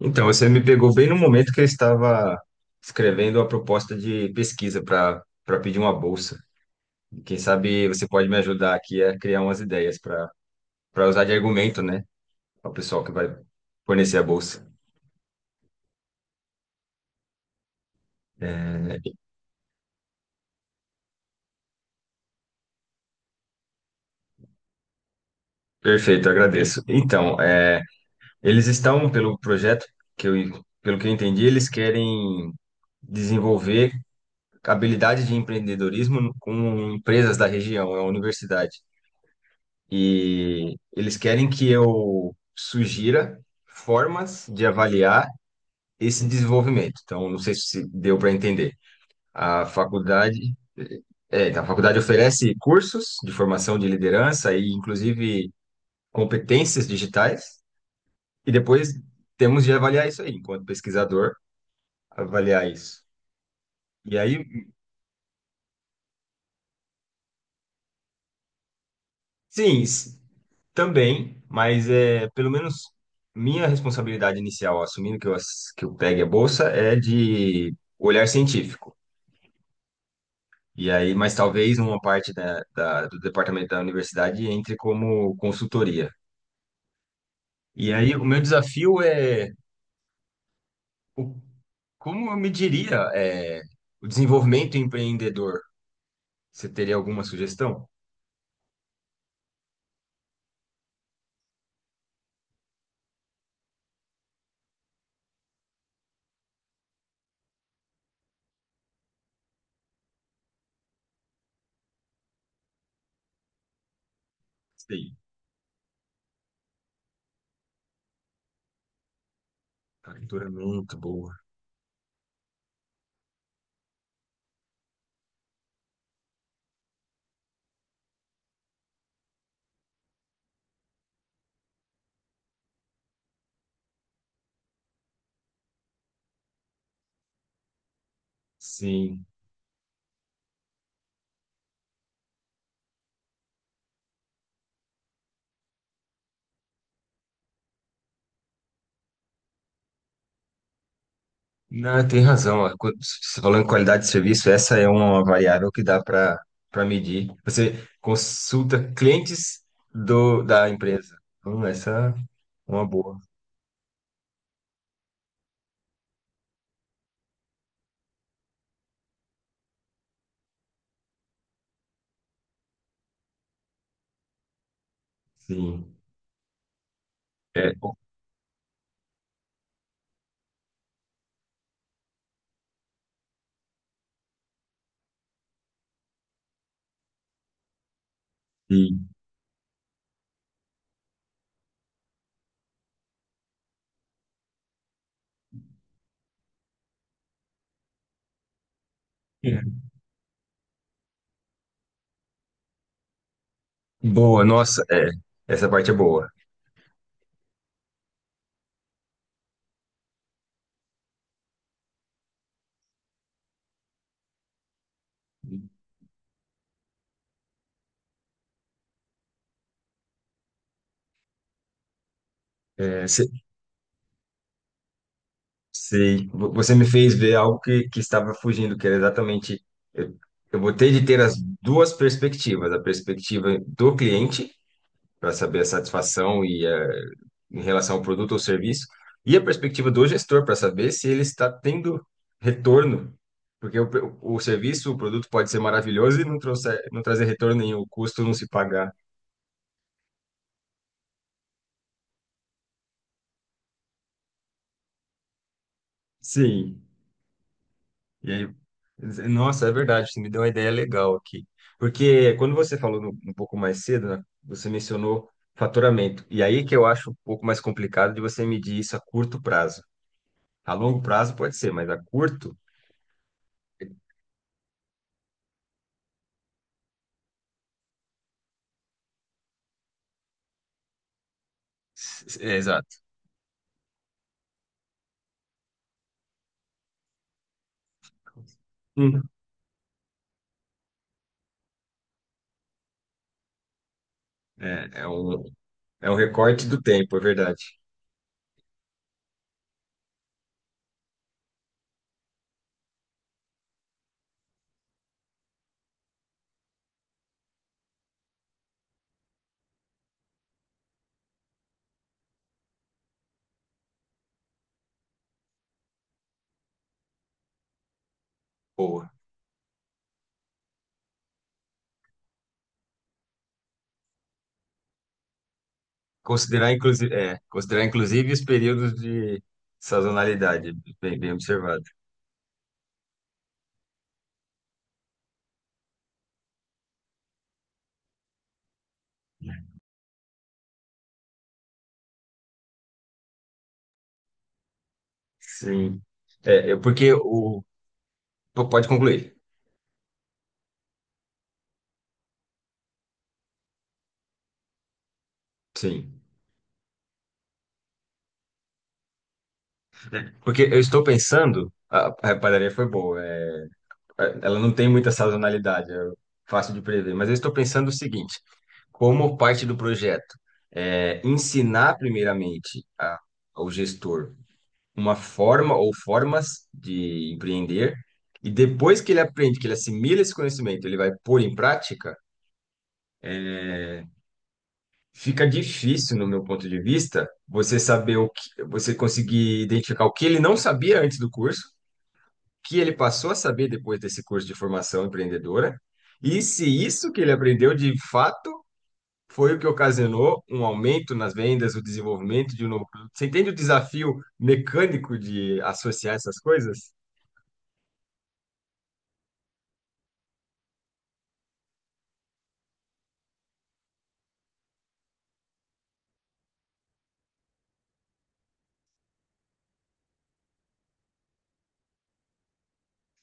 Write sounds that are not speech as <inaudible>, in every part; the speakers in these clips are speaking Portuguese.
Então, você me pegou bem no momento que eu estava escrevendo a proposta de pesquisa para pedir uma bolsa. E quem sabe você pode me ajudar aqui a criar umas ideias para usar de argumento, né, ao pessoal que vai fornecer a bolsa. É, Perfeito, agradeço. Então, eles estão pelo projeto que eu, pelo que eu entendi, eles querem desenvolver habilidades de empreendedorismo com empresas da região, é a universidade. E eles querem que eu sugira formas de avaliar esse desenvolvimento. Então, não sei se deu para entender. A faculdade, a faculdade oferece cursos de formação de liderança e, inclusive, competências digitais. E depois temos de avaliar isso aí, enquanto pesquisador, avaliar isso. E aí, sim, também, mas é pelo menos minha responsabilidade inicial, assumindo que eu pegue a bolsa, é de olhar científico. E aí, mas talvez uma parte do departamento da universidade entre como consultoria. E aí, o meu desafio é o- como eu mediria o desenvolvimento empreendedor? Você teria alguma sugestão? Sim, capturamento, boa. Sim. Não, tem razão. Ó. Quando você falou em qualidade de serviço, essa é uma variável que dá para medir. Você consulta clientes da empresa. Essa é uma boa. Sim. É, sim. É. Boa, nossa, é, essa parte é boa. É, se- Sei. Você me fez ver algo que estava fugindo, que era exatamente. Eu, eu vou ter de ter as duas perspectivas: a perspectiva do cliente, para saber a satisfação e a em relação ao produto ou serviço, e a perspectiva do gestor para saber se ele está tendo retorno. Porque o serviço, o produto pode ser maravilhoso e não trazer retorno nenhum, o custo não se pagar. Sim. E aí, nossa, é verdade, você me deu uma ideia legal aqui. Porque quando você falou um pouco mais cedo, né, você mencionou faturamento. E aí que eu acho um pouco mais complicado de você medir isso a curto prazo. A longo prazo pode ser, mas a curto, é exato. Hum. É, é um, É um recorte do tempo, é verdade. Boa. Considerar inclusive os períodos de sazonalidade, bem, bem observado. Sim. É, eu- porque o. Pode concluir. Sim. Porque eu estou pensando. A padaria foi boa. É, ela não tem muita sazonalidade, é fácil de prever. Mas eu estou pensando o seguinte: como parte do projeto, é, ensinar primeiramente ao gestor uma forma ou formas de empreender, e depois que ele aprende, que ele assimila esse conhecimento, ele vai pôr em prática, fica difícil, no meu ponto de vista, você saber você conseguir identificar o que ele não sabia antes do curso, que ele passou a saber depois desse curso de formação empreendedora, e se isso que ele aprendeu de fato foi o que ocasionou um aumento nas vendas, o desenvolvimento de um novo produto. Você entende o desafio mecânico de associar essas coisas?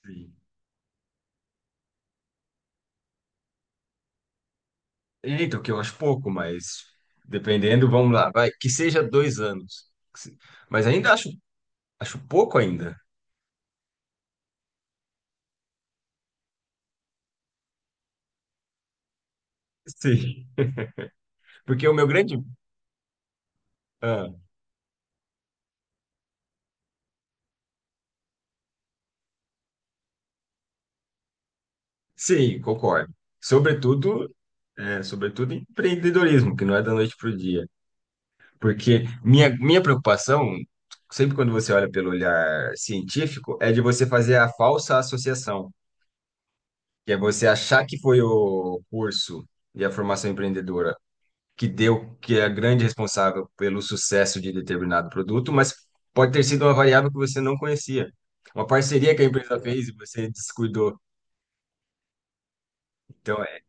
Sim. Eita, o que eu acho pouco, mas dependendo, vamos lá, vai, que seja dois anos. Que se- Mas ainda acho pouco ainda. Sim, porque o meu grande. Ah, sim, concordo. Sobretudo, sobretudo em empreendedorismo, que não é da noite para o dia. Porque minha preocupação, sempre quando você olha pelo olhar científico, é de você fazer a falsa associação, que é você achar que foi o curso e a formação empreendedora que é a grande responsável pelo sucesso de determinado produto, mas pode ter sido uma variável que você não conhecia. Uma parceria que a empresa fez e você descuidou. Então, é,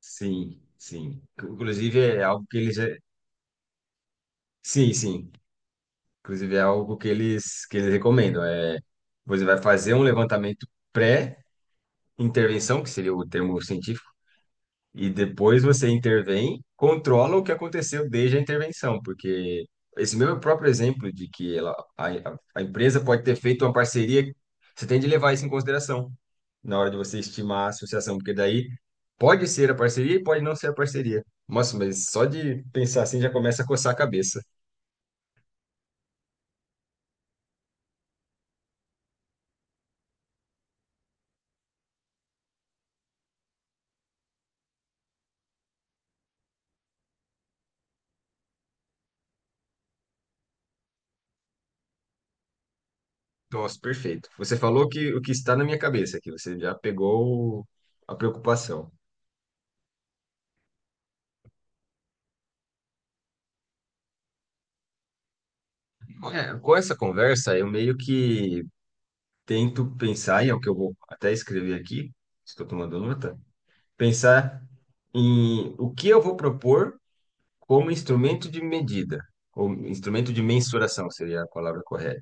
sim, sim. Inclusive, é algo que eles. É- Sim, sim. Inclusive, é algo que eles recomendam. É, você vai fazer um levantamento pré-intervenção, que seria o termo científico e depois você intervém, controla o que aconteceu desde a intervenção, porque esse meu próprio exemplo de que a empresa pode ter feito uma parceria, você tem de levar isso em consideração na hora de você estimar a associação, porque daí pode ser a parceria e pode não ser a parceria. Nossa, mas só de pensar assim já começa a coçar a cabeça. Nossa, perfeito. Você falou que o que está na minha cabeça aqui, você já pegou a preocupação. É, com essa conversa, eu meio que tento pensar, e é o que eu vou até escrever aqui, estou tomando nota, pensar em o que eu vou propor como instrumento de medida, ou instrumento de mensuração seria a palavra correta.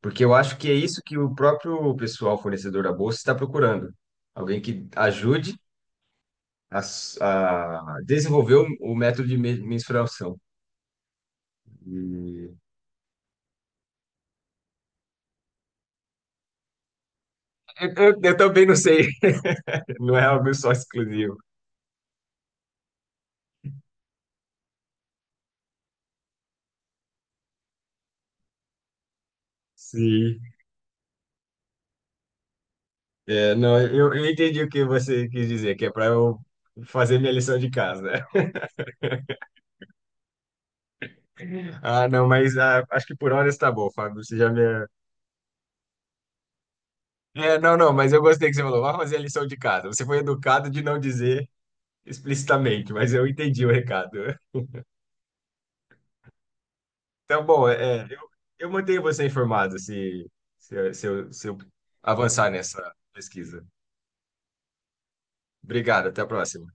Porque eu acho que é isso que o próprio pessoal fornecedor da bolsa está procurando. Alguém que ajude a desenvolver o método de mensuração. E eu também não sei, <laughs> não é algo só exclusivo. Sim. É, não, eu entendi o que você quis dizer, que é para eu fazer minha lição de casa. <laughs> Ah, não, mas ah, acho que por hora está bom, Fábio. Você já me. É, não, não, mas eu gostei que você falou. Vá fazer a lição de casa. Você foi educado de não dizer explicitamente, mas eu entendi o recado. <laughs> Então, bom, eu mantenho você informado se eu se eu avançar nessa pesquisa. Obrigado, até a próxima.